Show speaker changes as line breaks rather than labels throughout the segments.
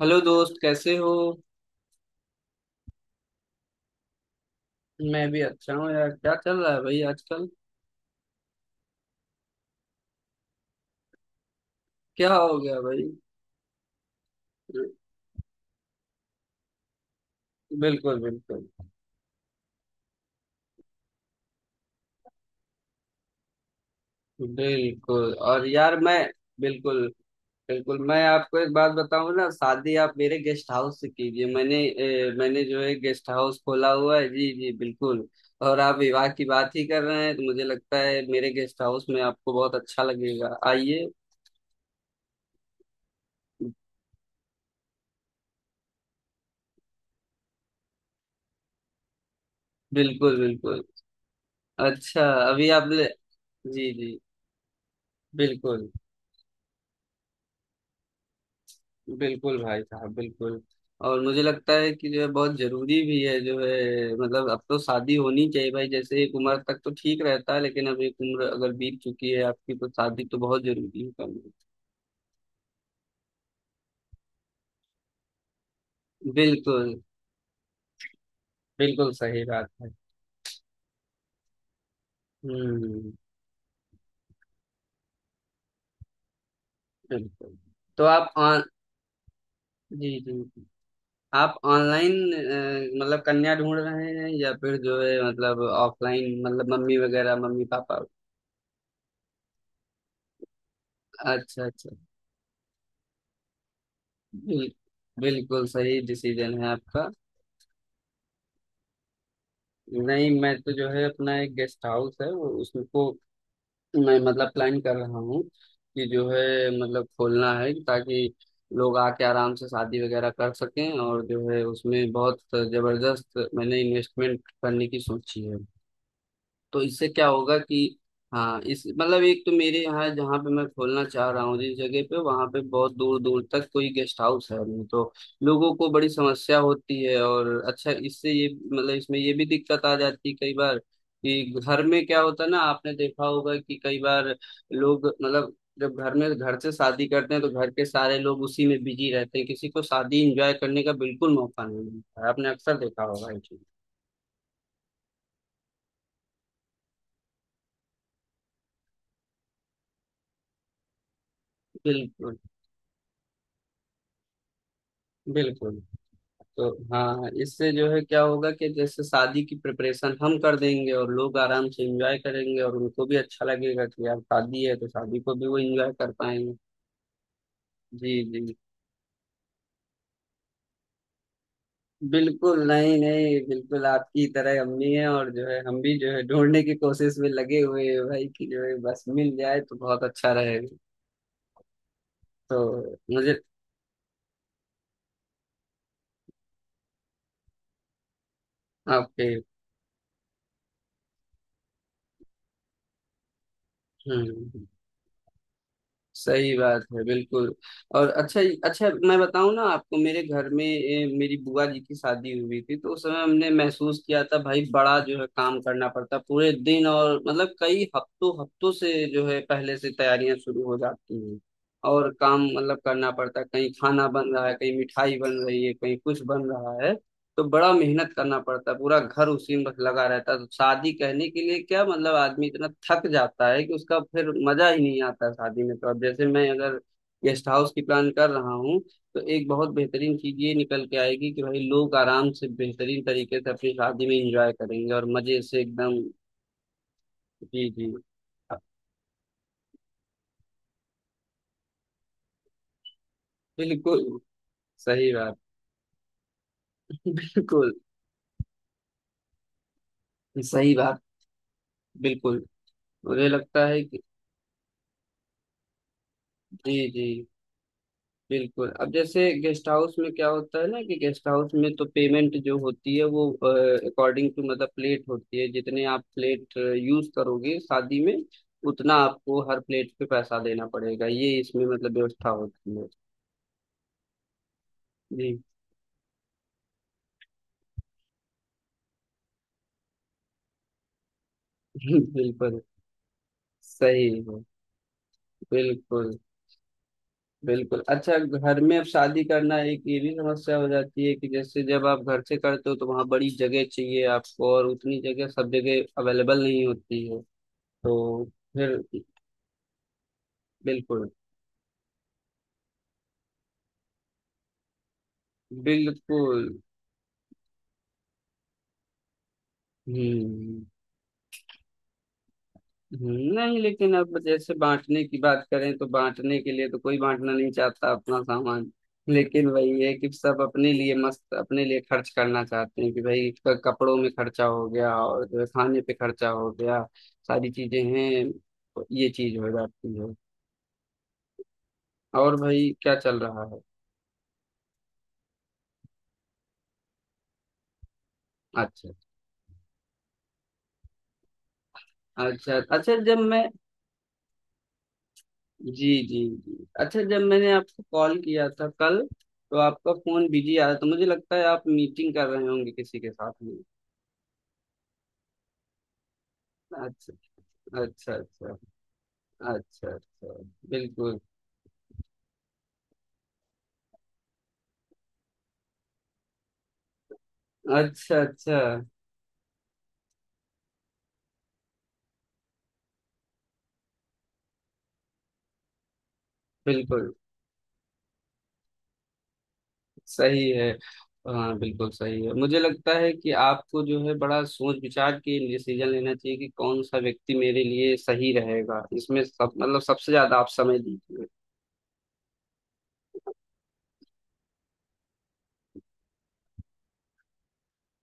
Hello दोस्त, कैसे हो। मैं भी अच्छा हूँ यार, क्या चल रहा है भाई आजकल? क्या हो गया भाई? बिल्कुल, बिल्कुल, बिल्कुल। और यार मैं... बिल्कुल, बिल्कुल। मैं आपको एक बात बताऊँ ना, शादी आप मेरे गेस्ट हाउस से कीजिए। मैंने मैंने जो है गेस्ट हाउस खोला हुआ है। जी जी, बिल्कुल। और आप विवाह की बात ही कर रहे हैं तो मुझे लगता है मेरे गेस्ट हाउस में आपको बहुत अच्छा लगेगा, आइए। बिल्कुल, बिल्कुल। अच्छा, अभी आपने... जी जी। बिल्कुल, बिल्कुल भाई साहब, बिल्कुल। और मुझे लगता है कि जो है बहुत जरूरी भी है जो है, मतलब अब तो शादी होनी चाहिए भाई। जैसे एक उम्र तक तो ठीक रहता है, लेकिन अब एक उम्र अगर बीत चुकी है आपकी तो शादी तो बहुत जरूरी है करनी। बिल्कुल बिल्कुल, सही बात है। हम्म। बिल्कुल। तो आप ऑन... जी जी। आप ऑनलाइन मतलब कन्या ढूंढ रहे हैं, या फिर जो है मतलब ऑफलाइन, मतलब मम्मी वगैरह, मम्मी पापा? अच्छा, अच्छा। बिल्कुल, बिल्कुल सही डिसीजन है आपका। नहीं, मैं तो जो है अपना एक गेस्ट हाउस है वो उसको, मैं मतलब प्लान कर रहा हूँ कि जो है मतलब खोलना है, ताकि लोग आके आराम से शादी वगैरह कर सकें। और जो है उसमें बहुत जबरदस्त मैंने इन्वेस्टमेंट करने की सोची है। तो इससे क्या होगा कि, हाँ, इस मतलब एक तो मेरे यहाँ जहाँ पे मैं खोलना चाह रहा हूँ जिस जगह पे, वहाँ पे बहुत दूर दूर तक कोई गेस्ट हाउस है नहीं। तो लोगों को बड़ी समस्या होती है। और अच्छा, इससे ये मतलब इसमें ये भी दिक्कत आ जाती है कई बार, कि घर में क्या होता है ना, आपने देखा होगा कि कई बार लोग मतलब जब घर में, घर से शादी करते हैं तो घर के सारे लोग उसी में बिजी रहते हैं, किसी को शादी एंजॉय करने का बिल्कुल मौका नहीं मिलता है। आपने अक्सर देखा होगा ये चीज। बिल्कुल, बिल्कुल। तो हाँ, इससे जो है क्या होगा कि जैसे शादी की प्रिपरेशन हम कर देंगे और लोग आराम से एंजॉय करेंगे, और उनको भी अच्छा लगेगा कि यार शादी है तो शादी को भी वो एंजॉय कर पाएंगे। जी जी, बिल्कुल। नहीं नहीं, बिल्कुल आपकी तरह हम भी हैं, और जो है हम भी जो है ढूंढने की कोशिश में लगे हुए हैं भाई, कि जो है बस मिल जाए तो बहुत अच्छा रहेगा। तो मुझे... आपके... हम्म, सही बात है, बिल्कुल। और अच्छा, अच्छा मैं बताऊं ना आपको, मेरे घर में मेरी बुआ जी की शादी हुई थी, तो उस समय हमने महसूस किया था भाई, बड़ा जो है काम करना पड़ता पूरे दिन। और मतलब कई हफ्तों हफ्तों से जो है पहले से तैयारियां शुरू हो जाती हैं, और काम मतलब करना पड़ता है। कहीं खाना बन रहा है, कहीं मिठाई बन रही है, कहीं कुछ बन रहा है, तो बड़ा मेहनत करना पड़ता है। पूरा घर उसी में बस लगा रहता है। तो शादी कहने के लिए क्या, मतलब आदमी इतना थक जाता है कि उसका फिर मजा ही नहीं आता है शादी में। तो अब जैसे मैं अगर गेस्ट हाउस की प्लान कर रहा हूँ, तो एक बहुत बेहतरीन चीज ये निकल के आएगी कि भाई लोग आराम से बेहतरीन तरीके से अपनी शादी में एंजॉय करेंगे, और मजे से एकदम। जी जी। बिल्कुल सही बात, बिल्कुल सही बात, बिल्कुल। मुझे लगता है कि... जी जी। बिल्कुल, अब जैसे गेस्ट हाउस में क्या होता है ना, कि गेस्ट हाउस में तो पेमेंट जो होती है वो अकॉर्डिंग टू मतलब प्लेट होती है। जितने आप प्लेट यूज करोगे शादी में, उतना आपको हर प्लेट पे पैसा देना पड़ेगा, ये इसमें मतलब व्यवस्था होती है। जी। बिल्कुल, सही है। बिल्कुल, बिल्कुल। अच्छा, घर में अब शादी करना, एक ये भी समस्या हो जाती है कि जैसे जब आप घर से करते हो तो वहाँ बड़ी जगह चाहिए आपको, और उतनी जगह सब जगह अवेलेबल नहीं होती है। तो फिर... बिल्कुल, बिल्कुल। हम्म। नहीं लेकिन अब जैसे बांटने की बात करें, तो बांटने के लिए तो कोई बांटना नहीं चाहता अपना सामान। लेकिन वही है कि सब अपने लिए मस्त, अपने लिए खर्च करना चाहते हैं, कि भाई कपड़ों में खर्चा हो गया, और जो है खाने पे खर्चा हो गया, सारी चीजें हैं, ये चीज हो जाती है। और भाई, क्या चल रहा है? अच्छा, अच्छा। अच्छा जब मैं... जी जी जी। अच्छा, जब मैंने आपको कॉल किया था कल तो आपका फोन बिजी आ रहा था, मुझे लगता है आप मीटिंग कर रहे होंगे किसी के साथ में। अच्छा, अच्छा। अच्छा, अच्छा। अच्छा। बिल्कुल। अच्छा, अच्छा। बिल्कुल, सही है। हाँ बिल्कुल सही है, मुझे लगता है कि आपको जो है बड़ा सोच विचार के डिसीजन लेना चाहिए कि कौन सा व्यक्ति मेरे लिए सही रहेगा, इसमें सब मतलब सबसे ज्यादा आप समय दीजिए।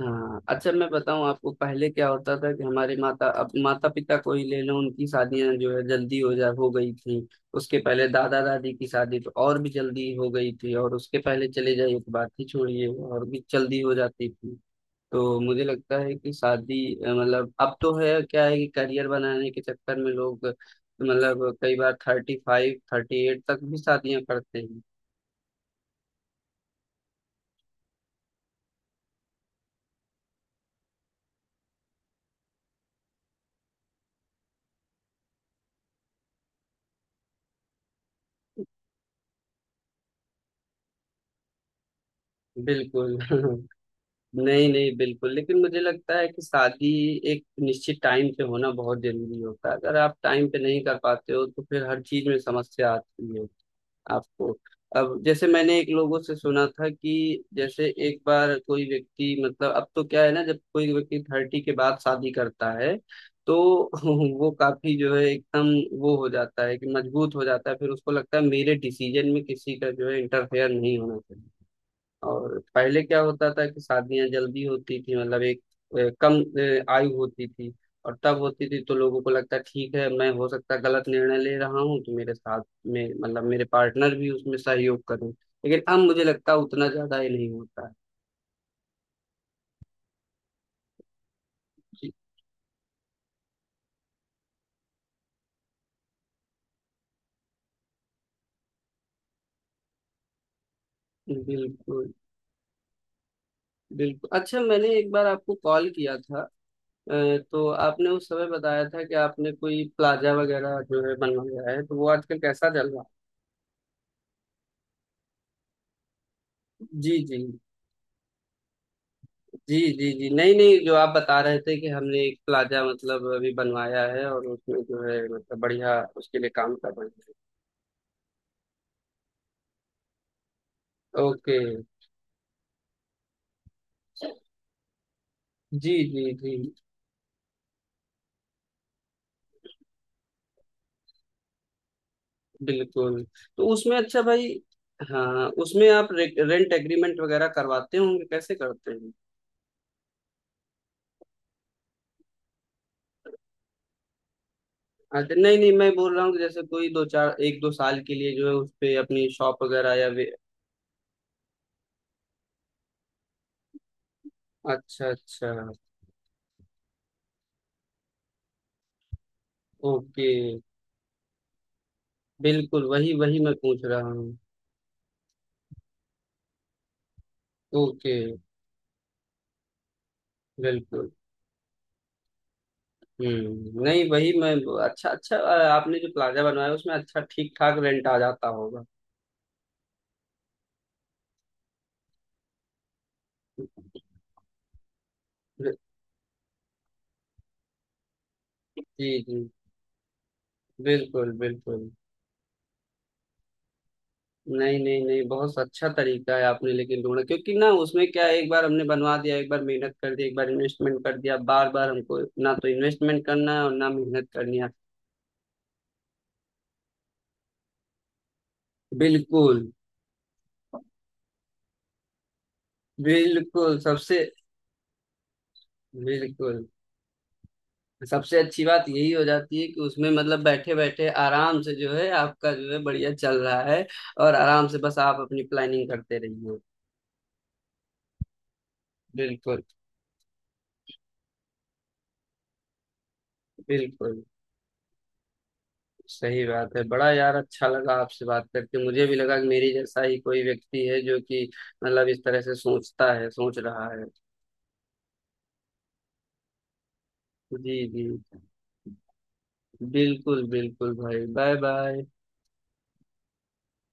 हाँ, अच्छा मैं बताऊं आपको, पहले क्या होता था कि हमारे माता, अब माता पिता को ही ले लो, उनकी शादियां जो है जल्दी हो गई थी। उसके पहले दादा दादी की शादी तो और भी जल्दी हो गई थी, और उसके पहले चले जाइए तो बात ही छोड़िए, और भी जल्दी हो जाती थी। तो मुझे लगता है कि शादी मतलब अब तो है क्या है कि करियर बनाने के चक्कर में लोग मतलब कई बार थर्टी फाइव, थर्टी एट तक भी शादियां करते हैं। बिल्कुल। नहीं नहीं, बिल्कुल, लेकिन मुझे लगता है कि शादी एक निश्चित टाइम पे होना बहुत जरूरी होता है। अगर आप टाइम पे नहीं कर पाते हो तो फिर हर चीज में समस्या आती है आपको। अब जैसे मैंने एक लोगों से सुना था, कि जैसे एक बार कोई व्यक्ति मतलब, अब तो क्या है ना, जब कोई व्यक्ति थर्टी के बाद शादी करता है, तो वो काफी जो है एकदम वो हो जाता है, कि मजबूत हो जाता है, फिर उसको लगता है मेरे डिसीजन में किसी का जो है इंटरफेयर नहीं होना चाहिए। और पहले क्या होता था कि शादियां जल्दी होती थी, मतलब एक कम आयु होती थी, और तब होती थी तो लोगों को लगता ठीक है मैं हो सकता है गलत निर्णय ले रहा हूँ तो मेरे साथ में मतलब मेरे पार्टनर भी उसमें सहयोग करें, लेकिन अब मुझे लगता है उतना ज्यादा ही नहीं होता है। जी, बिल्कुल, बिल्कुल। अच्छा, मैंने एक बार आपको कॉल किया था तो आपने उस समय बताया था कि आपने कोई प्लाजा वगैरह जो है बनवाया है, तो वो आजकल कैसा चल रहा है? जी जी जी। जी जी, नहीं नहीं, जो आप बता रहे थे कि हमने एक प्लाजा मतलब अभी बनवाया है और उसमें जो है मतलब बढ़िया उसके लिए काम कर रहे हैं। ओके। जी जी जी, बिल्कुल। तो उसमें अच्छा भाई, हाँ उसमें आप रेंट एग्रीमेंट वगैरह करवाते होंगे, कैसे करते हैं? अच्छा नहीं नहीं, मैं बोल रहा हूँ कि जैसे कोई दो चार एक दो साल के लिए जो है उस पे अपनी शॉप वगैरह या अच्छा, अच्छा। ओके, बिल्कुल वही वही मैं पूछ रहा हूँ। ओके, बिल्कुल। नहीं वही मैं... अच्छा, अच्छा। आपने जो प्लाजा बनवाया उसमें अच्छा ठीक ठाक रेंट आ जाता होगा? जी जी, बिल्कुल, बिल्कुल। नहीं नहीं नहीं, बहुत अच्छा तरीका है आपने लेकिन ढूंढा, क्योंकि ना उसमें क्या है, एक बार हमने बनवा दिया, एक बार मेहनत कर दी, एक बार इन्वेस्टमेंट कर दिया, बार बार हमको ना तो इन्वेस्टमेंट करना है और ना मेहनत करनी है। बिल्कुल। बिल्कुल, सबसे... बिल्कुल, सबसे अच्छी बात यही हो जाती है कि उसमें मतलब बैठे बैठे आराम से जो है आपका जो है बढ़िया चल रहा है। और आराम से बस आप अपनी प्लानिंग करते रहिए। बिल्कुल, बिल्कुल, सही बात है। बड़ा यार अच्छा लगा आपसे बात करके, मुझे भी लगा कि मेरी जैसा ही कोई व्यक्ति है जो कि मतलब इस तरह से सोचता है, सोच रहा है। जी जी, बिल्कुल, बिल्कुल भाई, बाय बाय।